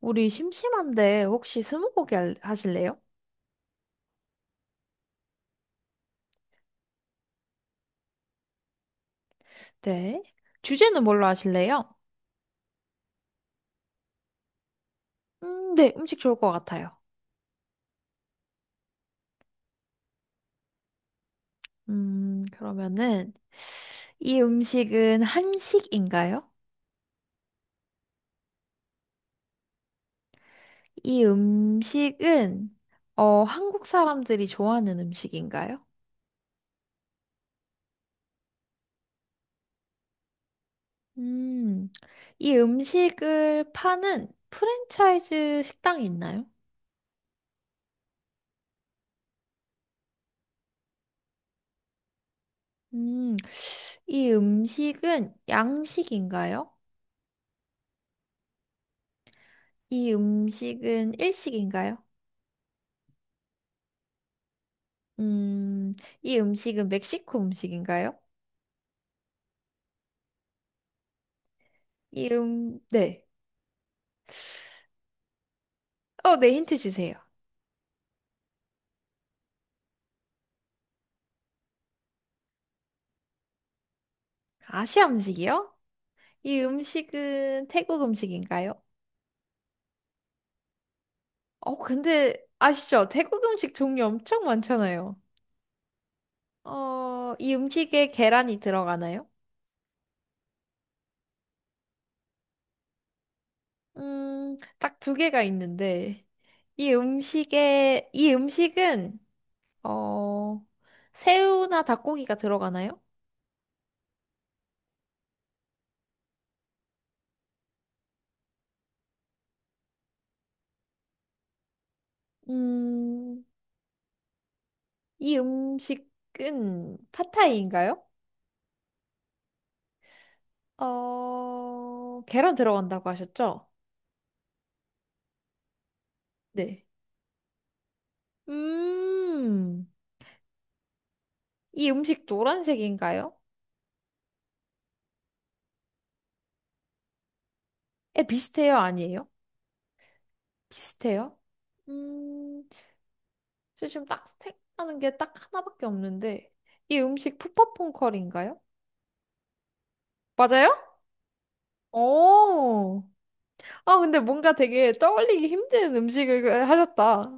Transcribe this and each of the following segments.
우리 심심한데 혹시 하실래요? 네. 주제는 뭘로 하실래요? 네, 음식 좋을 것 같아요. 그러면은 이 음식은 한식인가요? 이 음식은 한국 사람들이 좋아하는 음식인가요? 음, 이 음식을 파는 프랜차이즈 식당이 있나요? 음, 이 음식은 양식인가요? 이 음식은 일식인가요? 음, 이 음식은 멕시코 음식인가요? 이 네. 네, 힌트 주세요. 아시아 음식이요? 이 음식은 태국 음식인가요? 어, 근데 아시죠? 태국 음식 종류 엄청 많잖아요. 이 음식에 계란이 들어가나요? 딱 두 개가 있는데, 이 음식은, 어, 새우나 닭고기가 들어가나요? 음, 이 음식은 팟타이인가요? 어, 계란 들어간다고 하셨죠? 네. 음, 이 음식 노란색인가요? 에, 비슷해요? 아니에요? 비슷해요? 음, 저 지금 딱 생각나는 게 딱 하나밖에 없는데, 이 음식 푸팟퐁커리인가요? 맞아요? 오, 아, 근데 뭔가 되게 떠올리기 힘든 음식을 그, 하셨다.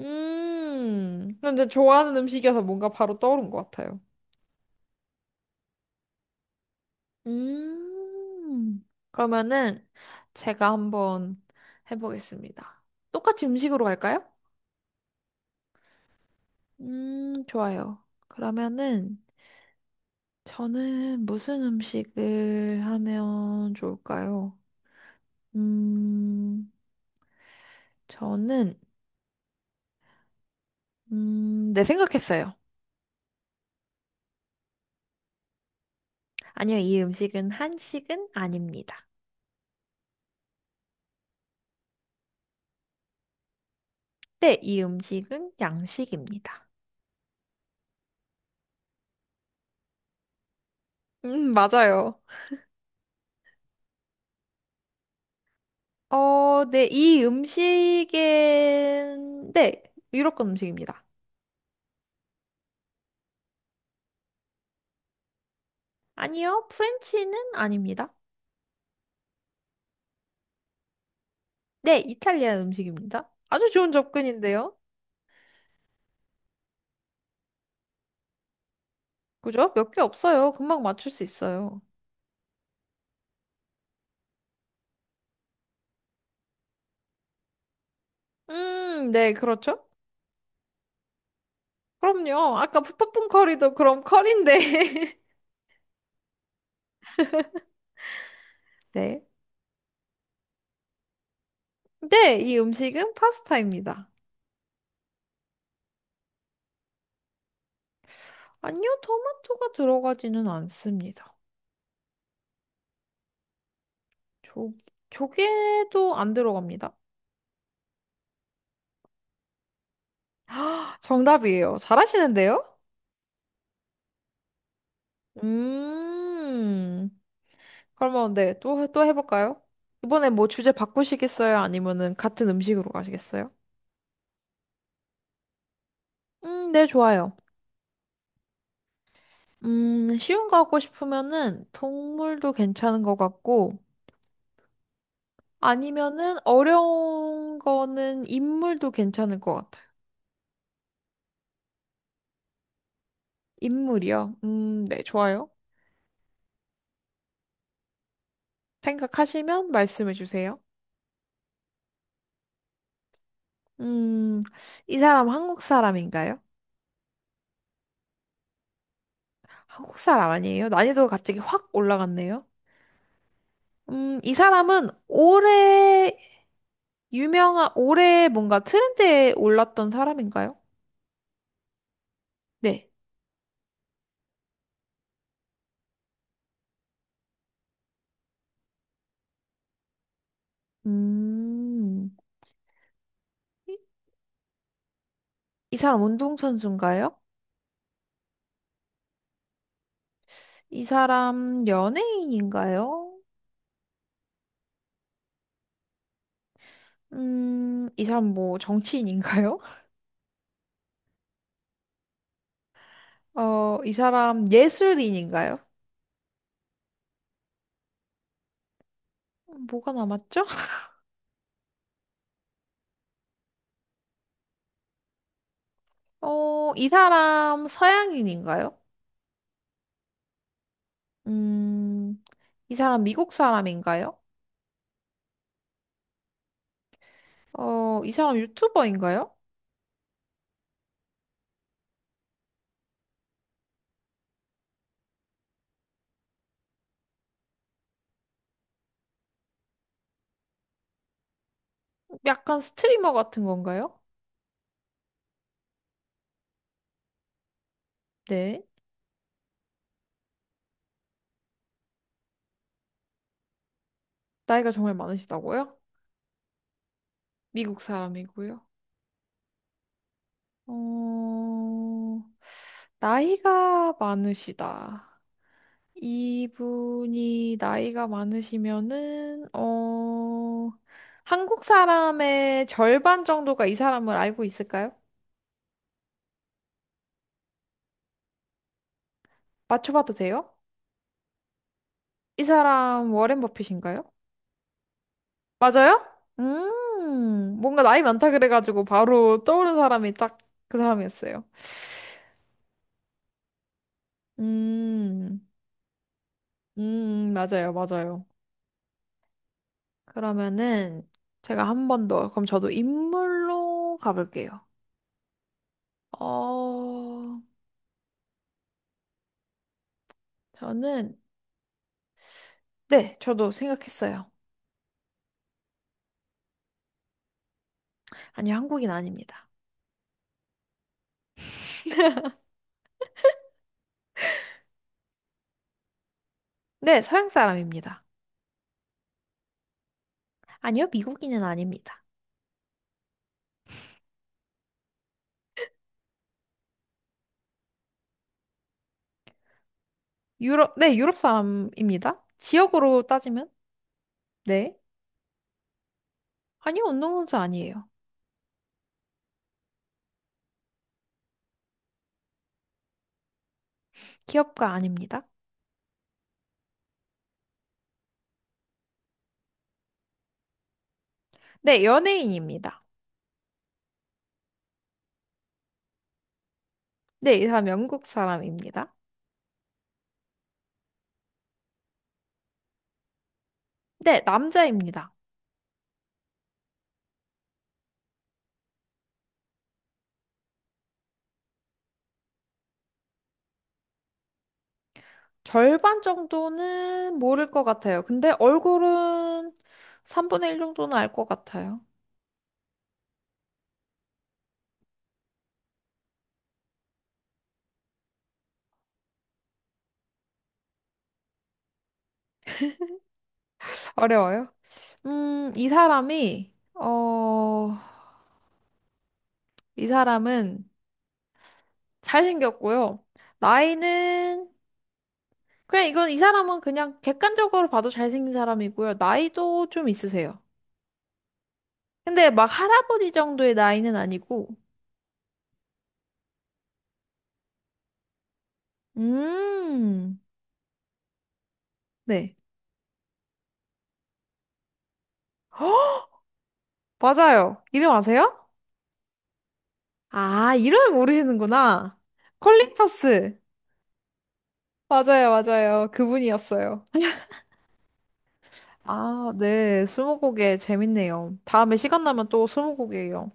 근데 좋아하는 음식이어서 뭔가 바로 떠오른 것 같아요. 음. 그러면은 제가 한번 해보겠습니다. 똑같이 음식으로 갈까요? 좋아요. 그러면은 저는 무슨 음식을 하면 좋을까요? 음, 저는 네, 생각했어요. 아니요, 이 음식은 한식은 아닙니다. 네, 이 음식은 양식입니다. 맞아요. 네, 이 음식은 네, 유럽권 음식입니다. 아니요, 프렌치는 아닙니다. 네, 이탈리아 음식입니다. 아주 좋은 접근인데요. 그죠? 몇 개 없어요. 금방 맞출 수 있어요. 네, 그렇죠? 그럼요. 아까 푸푸풍 커리도 그럼 커리인데. 네. 네, 이 음식은 파스타입니다. 아니요, 토마토가 들어가지는 않습니다. 조, 조개도 안 들어갑니다. 정답이에요. 잘하시는데요? 음. 그러면 네, 또 해볼까요? 이번에 뭐 주제 바꾸시겠어요? 아니면은 같은 음식으로 가시겠어요? 네, 좋아요. 쉬운 거 하고 싶으면은 동물도 괜찮은 것 같고, 아니면은 어려운 거는 인물도 괜찮을 것 같아요. 인물이요? 네, 좋아요. 생각하시면 말씀해 주세요. 음, 이 사람 한국 사람인가요? 한국 사람 아니에요? 난이도가 갑자기 확 올라갔네요. 이 사람은 오래 유명한, 올해 뭔가 트렌드에 올랐던 사람인가요? 네. 음, 이, 이 사람 운동선수인가요? 이 사람 연예인인가요? 이 사람 뭐 정치인인가요? 어, 이 사람 예술인인가요? 뭐가 남았죠? 어, 이 사람 서양인인가요? 음, 이 사람 미국 사람인가요? 어, 이 사람 유튜버인가요? 약간 스트리머 같은 건가요? 네. 나이가 정말 많으시다고요? 미국 사람이고요. 어, 나이가 많으시다. 이분이 나이가 많으시면은, 어, 한국 사람의 절반 정도가 이 사람을 알고 있을까요? 맞춰봐도 돼요? 이 사람 워렌 버핏인가요? 맞아요? 뭔가 나이 많다 그래가지고 바로 떠오른 사람이 딱 그 사람이었어요. 음, 맞아요, 맞아요. 그러면은 제가 한 번 더, 그럼 저도 인물로 가볼게요. 어, 저는, 네, 저도 생각했어요. 아니요, 한국인 아닙니다. 네, 서양 사람입니다. 아니요, 미국인은 아닙니다. 유럽, 네, 유럽 사람입니다. 지역으로 따지면? 네. 아니요, 운동선수 아니에요. 기업가 아닙니다. 네, 연예인입니다. 네, 이 사람 영국 사람입니다. 네, 남자입니다. 절반 정도는 모를 것 같아요. 근데 얼굴은 3분의 1 정도는 알 것 같아요. 어려워요? 음, 이 사람이, 어, 이 사람은 잘생겼고요. 나이는, 그냥 이건 이 사람은 그냥 객관적으로 봐도 잘생긴 사람이고요. 나이도 좀 있으세요. 근데 막 할아버지 정도의 나이는 아니고, 음, 네. 맞아요. 이름 아세요? 아, 이름을 모르시는구나. 콜린 퍼스. 맞아요, 맞아요. 그분이었어요. 아, 네. 스무고개 재밌네요. 다음에 시간 나면 또 스무고개예요.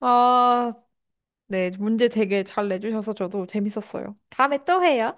아, 네. 문제 되게 잘 내주셔서 저도 재밌었어요. 다음에 또 해요.